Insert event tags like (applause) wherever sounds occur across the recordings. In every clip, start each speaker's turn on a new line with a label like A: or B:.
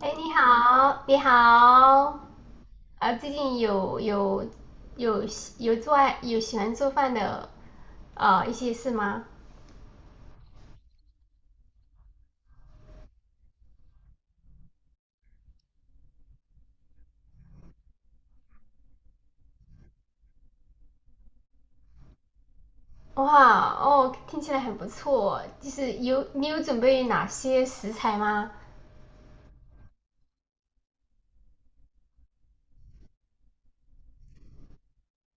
A: 哎，你好，你好，最近有喜欢做饭的一些事吗？哇，哦，听起来很不错，就是你有准备哪些食材吗？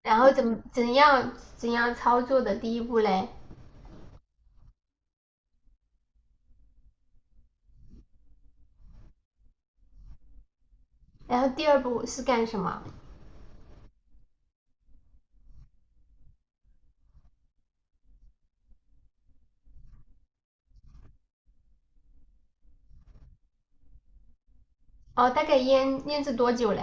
A: 然后怎样操作的第一步嘞？然后第二步是干什么？哦，大概腌制多久嘞？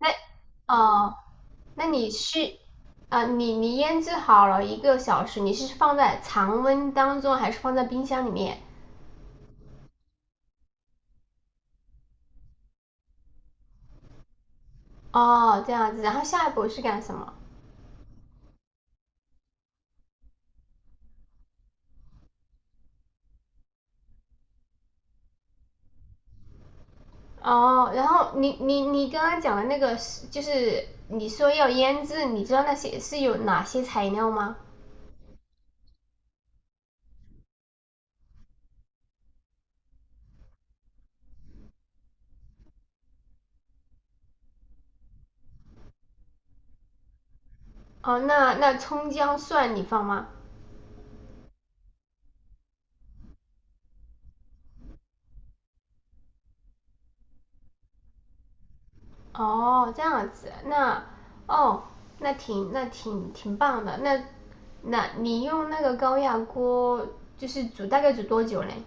A: 那哦，那你是啊、呃你你腌制好了一个小时，你是放在常温当中还是放在冰箱里面？哦，这样子，然后下一步是干什么？哦，然后你刚刚讲的那个是就是你说要腌制，你知道那些是有哪些材料吗？哦，那葱姜蒜你放吗？哦，这样子，哦，那挺棒的。那你用那个高压锅就是大概煮多久嘞？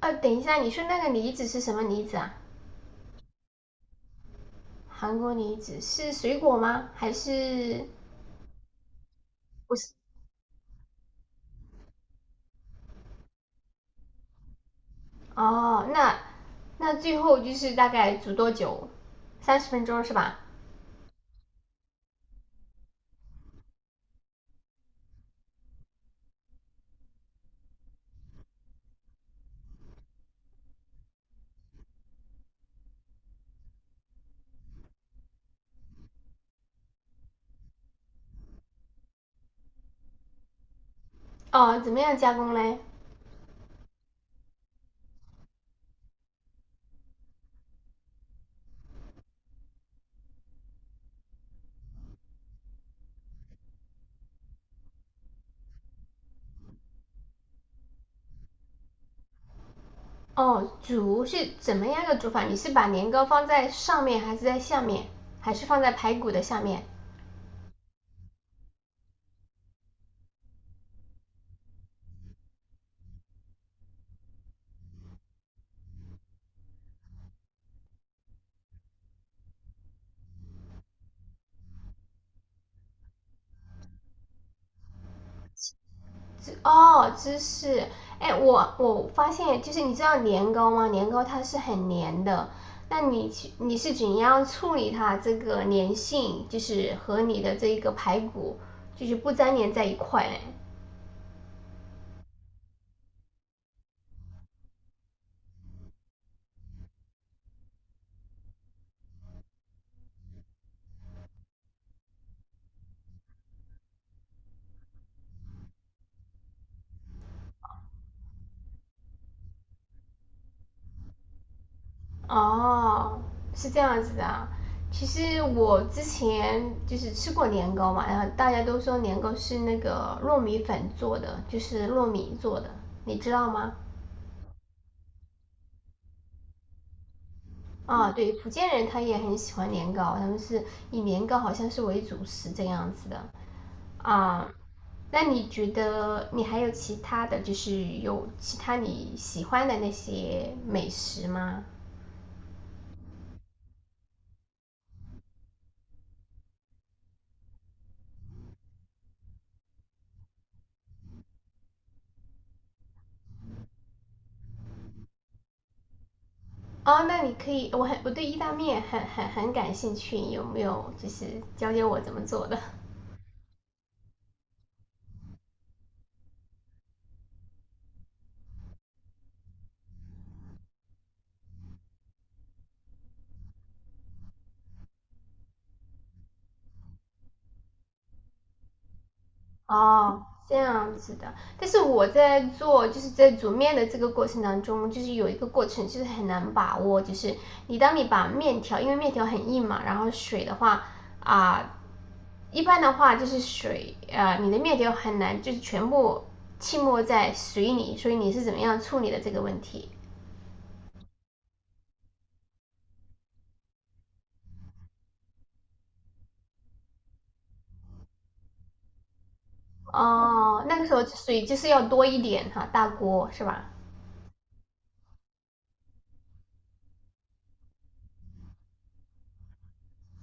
A: 等一下，你说那个梨子是什么梨子啊？韩国梨子是水果吗？还是不是？哦，那最后就是大概煮多久？30分钟是吧？哦，怎么样加工嘞？哦，煮是怎么样个煮法？你是把年糕放在上面，还是在下面，还是放在排骨的下面？哦，芝士。哎，我发现就是你知道年糕吗？年糕它是很黏的，那你去你是怎样处理它这个粘性，就是和你的这一个排骨就是不粘连在一块嘞？哦，是这样子的啊。其实我之前就是吃过年糕嘛，然后大家都说年糕是那个糯米粉做的，就是糯米做的，你知道吗？啊，对，福建人他也很喜欢年糕，他们是以年糕好像是为主食这样子的啊。那你觉得你还有其他的就是有其他你喜欢的那些美食吗？哦，那你可以，我对意大利面很感兴趣，有没有就是教教我怎么做的？(laughs) 哦，这样子的。但是我在做，就是在煮面的这个过程当中，就是有一个过程，就是很难把握，就是当你把面条，因为面条很硬嘛，然后水的话啊、一般的话就是水，你的面条很难就是全部浸没在水里，所以你是怎么样处理的这个问题？哦，那个时候水就是要多一点哈，大锅是吧？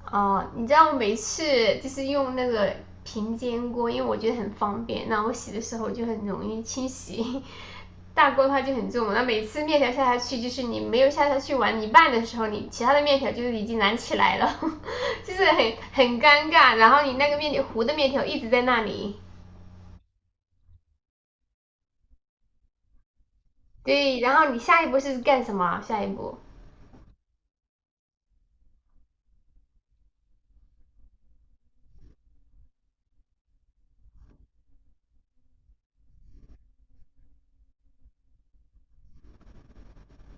A: 哦，你知道我每次就是用那个平煎锅，因为我觉得很方便，那我洗的时候就很容易清洗。(laughs) 大锅的话就很重，那每次面条下下去，就是你没有下下去完一半的时候，你其他的面条就是已经燃起来了，(laughs) 就是很尴尬。然后你那个糊的面条一直在那里，对，然后你下一步是干什么啊下一步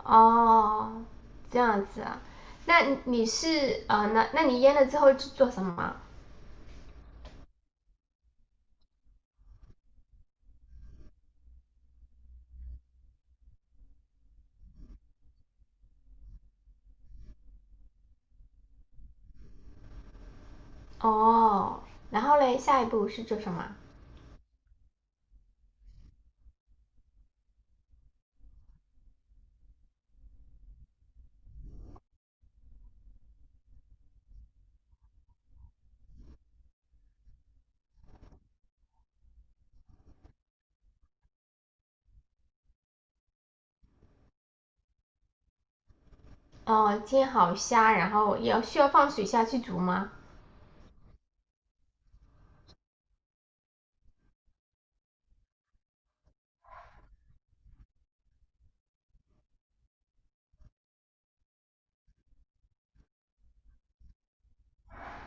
A: 哦，这样子啊，那你那你腌了之后是做什么啊哦，然后嘞，下一步是做什么？哦，煎好虾，然后要需要放水下去煮吗？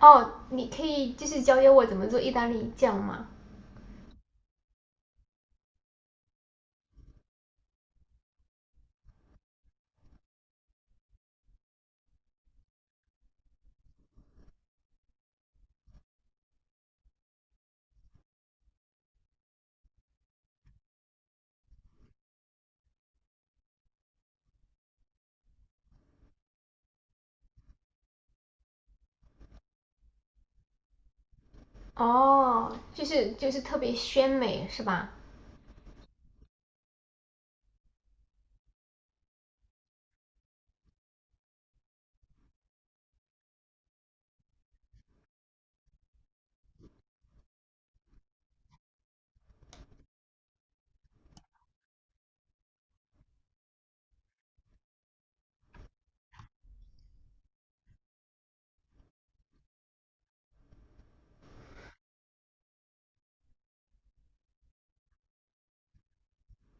A: 哦，你可以就是教教我怎么做意大利酱吗？哦，就是特别鲜美是吧？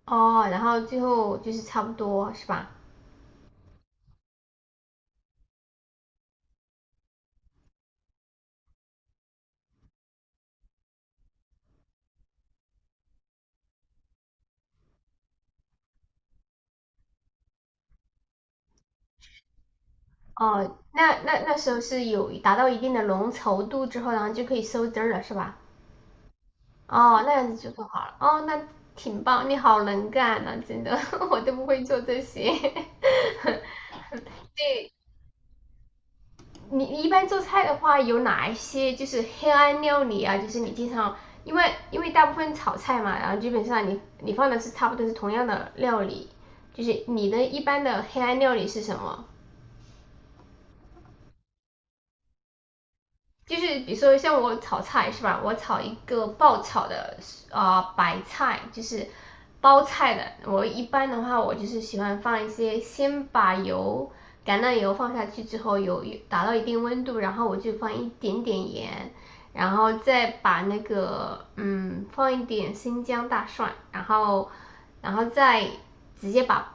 A: 哦，然后最后就是差不多是吧？哦，那时候是有达到一定的浓稠度之后，然后就可以收汁儿了是吧？哦，那样子就做好了。哦，那挺棒，你好能干呐、真的，(laughs) 我都不会做这些。(laughs) 对，你一般做菜的话，有哪一些就是黑暗料理啊？就是你经常，因为因为大部分炒菜嘛，然后基本上你放的是差不多是同样的料理，就是你的一般的黑暗料理是什么？就是比如说像我炒菜是吧？我炒一个爆炒的啊白菜，就是包菜的。我一般的话，我就是喜欢放一些，先把橄榄油放下去之后，油达到一定温度，然后我就放一点点盐，然后再把那个放一点生姜大蒜，然后再直接把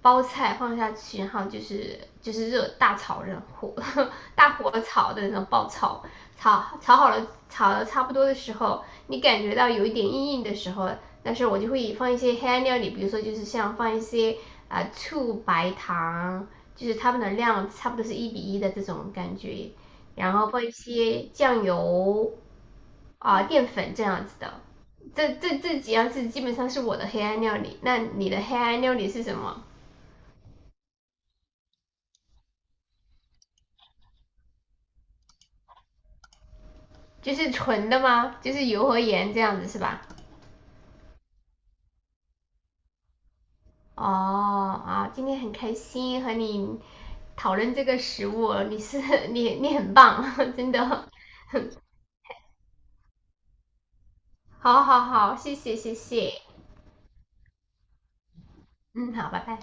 A: 包菜放下去，然后就是热大炒热火 (laughs) 大火炒的那种爆炒，炒好了炒的差不多的时候，你感觉到有一点硬硬的时候，但是我就会放一些黑暗料理，比如说就是像放一些醋、白糖，就是它们的量差不多是一比一的这种感觉，然后放一些酱油啊、淀粉这样子的。这几样是基本上是我的黑暗料理，那你的黑暗料理是什么？就是纯的吗？就是油和盐这样子是吧？哦啊，今天很开心和你讨论这个食物哦，你是 (laughs) 你很棒，(laughs) 真的，好好好，谢谢谢谢，嗯，好，拜拜。